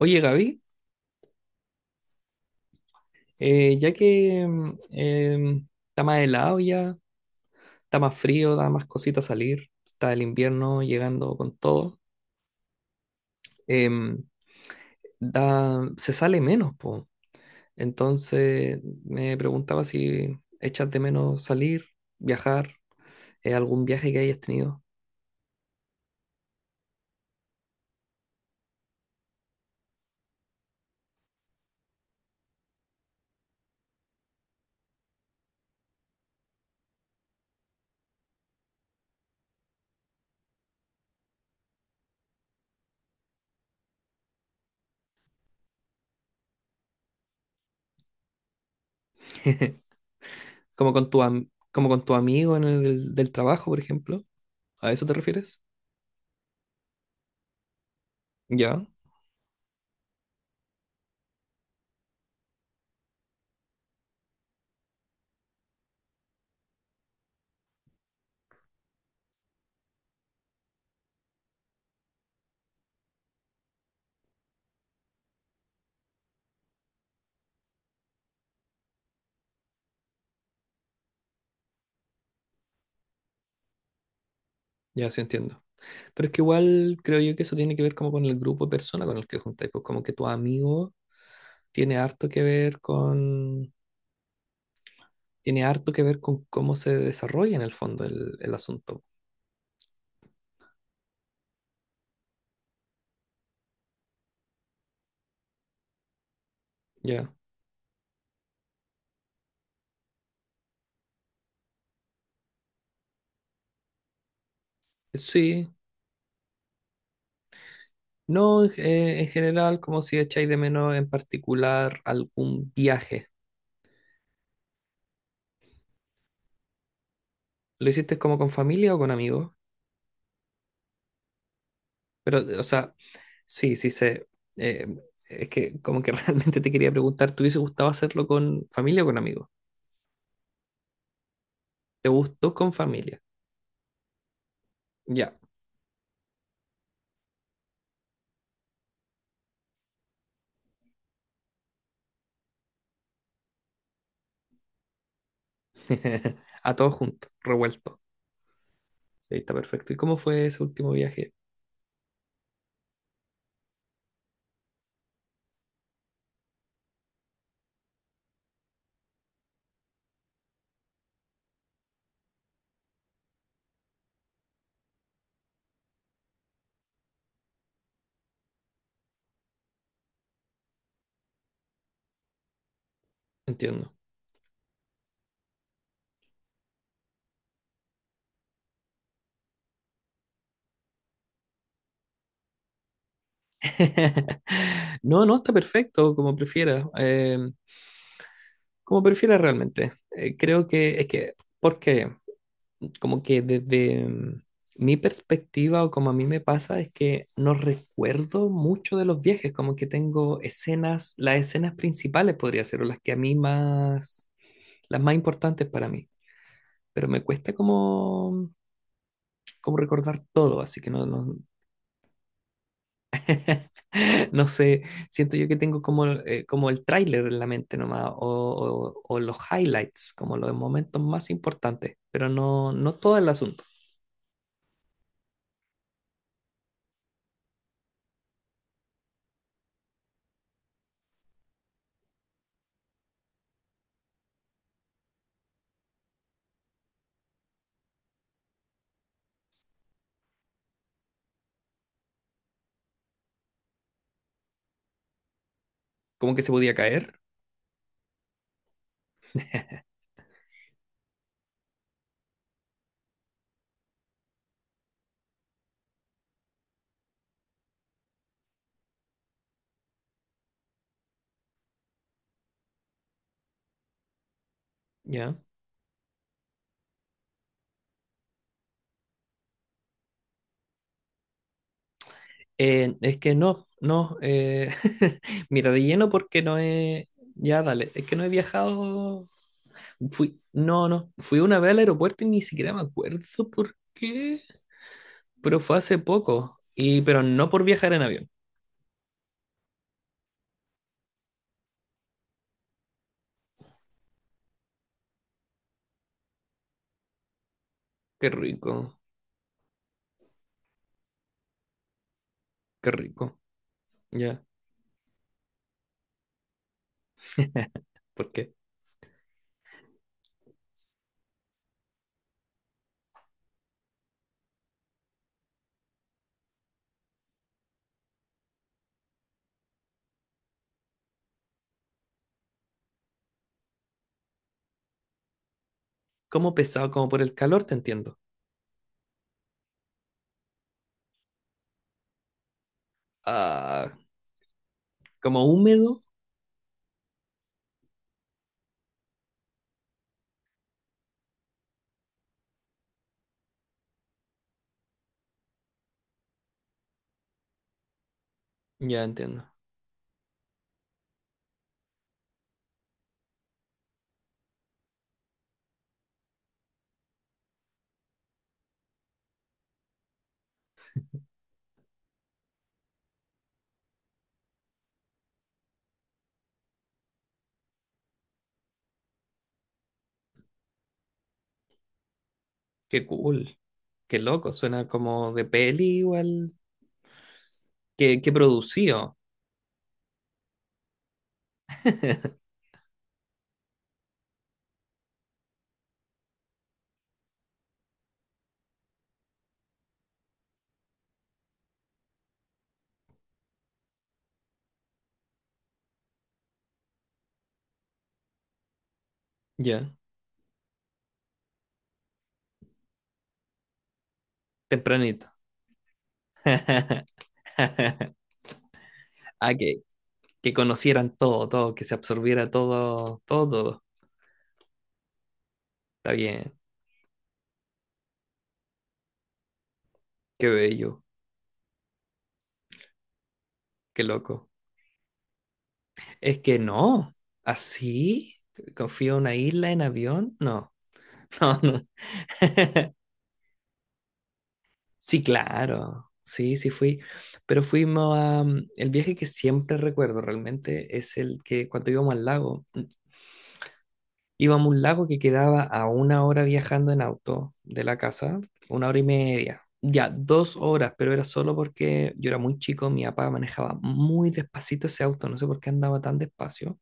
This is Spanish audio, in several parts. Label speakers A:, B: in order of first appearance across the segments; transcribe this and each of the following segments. A: Oye, Gaby, ya que está más helado ya, está más frío, da más cositas salir, está el invierno llegando con todo, em, da, se sale menos, po. Entonces me preguntaba si echas de menos salir, viajar, algún viaje que hayas tenido, como con tu, como con tu amigo en el del trabajo, por ejemplo. ¿A eso te refieres? Ya, ya sí entiendo. Pero es que igual creo yo que eso tiene que ver como con el grupo de personas con el que juntáis, pues como que tu amigo tiene harto que ver tiene harto que ver con cómo se desarrolla en el fondo el asunto. Ya. Sí. No, en en general, como si echáis de menos en particular algún viaje. ¿Lo hiciste como con familia o con amigos? Pero, o sea, sí, sí sé. Eh, es que como que realmente te quería preguntar, ¿te hubiese gustado hacerlo con familia o con amigos? ¿Te gustó con familia? Ya. A todos juntos, revueltos. Sí, está perfecto. ¿Y cómo fue ese último viaje? Entiendo. No, no, está perfecto, como prefieras realmente. Creo que es que, porque como que desde mi perspectiva o como a mí me pasa es que no recuerdo mucho de los viajes, como que tengo escenas, las escenas principales podría ser, o las que a mí más, las más importantes para mí. Pero me cuesta como recordar todo, así que No sé, siento yo que tengo como, como el tráiler en la mente nomás, o los highlights, como los momentos más importantes, pero no, no todo el asunto. Como que se podía caer, ¿ya? Es que no, no, mira, de lleno porque no he, ya dale, es que no he viajado, fui, no, no, fui una vez al aeropuerto y ni siquiera me acuerdo por qué, pero fue hace poco, y, pero no por viajar en avión. Qué rico, qué rico, ya, porque ¿cómo pesado? Como por el calor, te entiendo. Ah, como húmedo, ya entiendo. Qué cool. Qué loco, suena como de peli igual. Qué, qué producido. Ya, tempranito. Ah, que conocieran todo, todo, que se absorbiera todo, todo, todo. Está bien. Qué bello, qué loco. Es que no, así, confío en una isla en avión, no, no, no. Sí, claro, sí, sí fui, pero fuimos a... El viaje que siempre recuerdo realmente es el que cuando íbamos al lago, íbamos a un lago que quedaba a una hora viajando en auto de la casa, una hora y media, ya dos horas, pero era solo porque yo era muy chico, mi papá manejaba muy despacito ese auto, no sé por qué andaba tan despacio,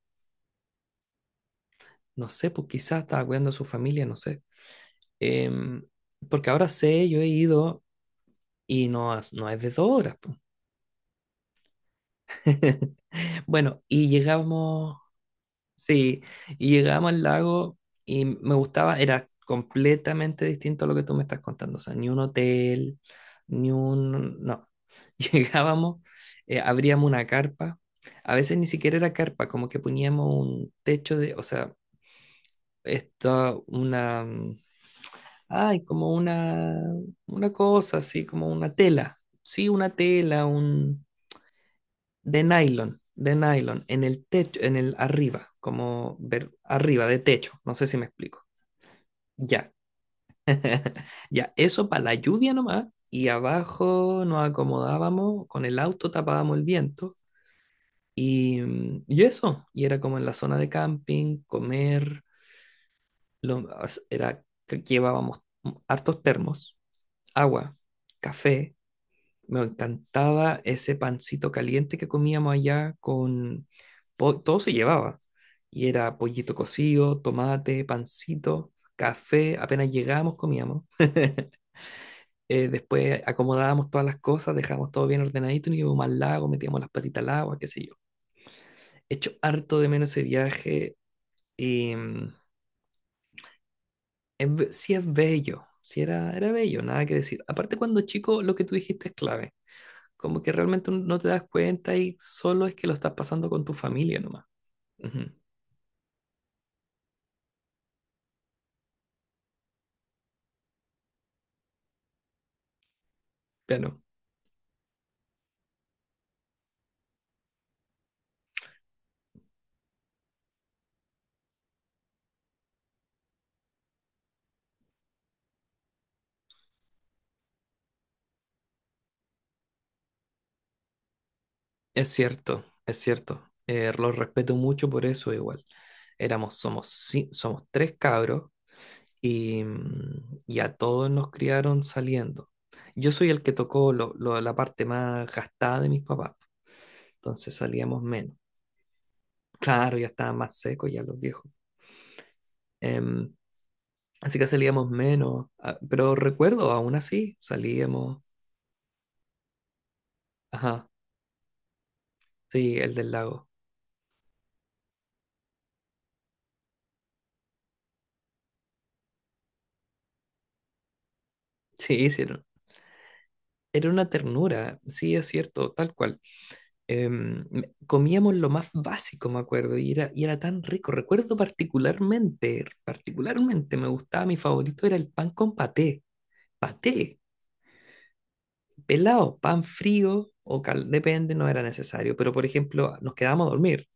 A: no sé, pues quizás estaba cuidando a su familia, no sé. Em, Porque ahora sé, yo he ido y no, no es de dos horas, pues. Bueno, y llegamos, sí, y llegamos al lago y me gustaba, era completamente distinto a lo que tú me estás contando, o sea, ni un hotel, ni un, no, llegábamos, abríamos una carpa, a veces ni siquiera era carpa, como que poníamos un techo de, o sea, esto, una, ay, como una cosa así, como una tela, sí, una tela, un de nylon, en el techo, en el arriba, como ver arriba de techo, no sé si me explico. Ya. Ya, eso para la lluvia nomás. Y abajo nos acomodábamos, con el auto tapábamos el viento. Y, y eso, y era como en la zona de camping, comer, lo- era que llevábamos hartos termos, agua, café. Me encantaba ese pancito caliente que comíamos allá con... po- Todo se llevaba. Y era pollito cocido, tomate, pancito, café. Apenas llegábamos, comíamos. Después acomodábamos todas las cosas, dejábamos todo bien ordenadito, nos íbamos al lago, metíamos las patitas al agua, qué sé yo. Hecho harto de menos ese viaje. Y es sí es bello, sí era, era bello, nada que decir. Aparte cuando chico, lo que tú dijiste es clave. Como que realmente no te das cuenta y solo es que lo estás pasando con tu familia nomás. Ujú. Claro, es cierto, es cierto. Los respeto mucho por eso igual. Éramos, somos, ci- somos tres cabros y, y a todos nos criaron saliendo. Yo soy el que tocó la parte más gastada de mis papás, entonces salíamos menos. Claro, ya estaban más secos ya los viejos. Em, Así que salíamos menos, ah, pero recuerdo, aún así, salíamos. Ajá. Sí, el del lago. Sí, sí, era era una ternura, sí, es cierto, tal cual. Comíamos lo más básico, me acuerdo, y y era tan rico. Recuerdo particularmente me gustaba, mi favorito era el pan con paté, paté, pelado, pan frío o cal, depende, no era necesario, pero por ejemplo, nos quedábamos a dormir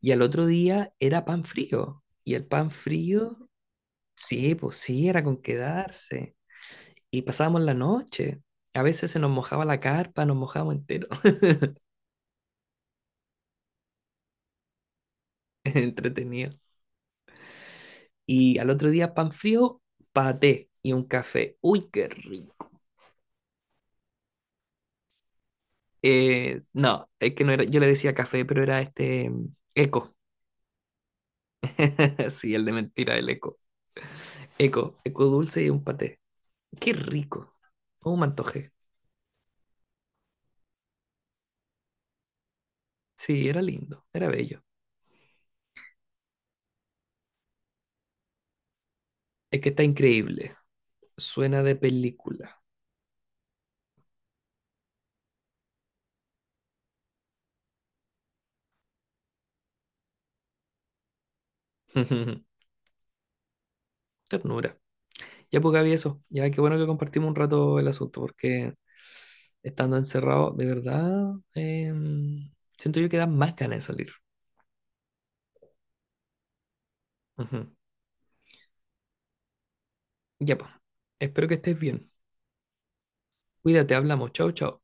A: y al otro día era pan frío, y el pan frío, sí, pues sí, era con quedarse. Y pasábamos la noche. A veces se nos mojaba la carpa, nos mojábamos entero, entretenido. Y al otro día pan frío, paté y un café. Uy, qué rico. No, es que no era, yo le decía café, pero era este eco. Sí, el de mentira, el eco. Eco, eco dulce y un paté. Qué rico. ¿Cómo me antojé? Sí, era lindo, era bello. Es que está increíble. Suena de película. Ternura. Ya pues Gaby, eso. Ya qué bueno que compartimos un rato el asunto, porque estando encerrado, de verdad, em, siento yo que dan más ganas de salir. Ujú. Ya, pues. Espero que estés bien. Cuídate, hablamos. Chao, chao.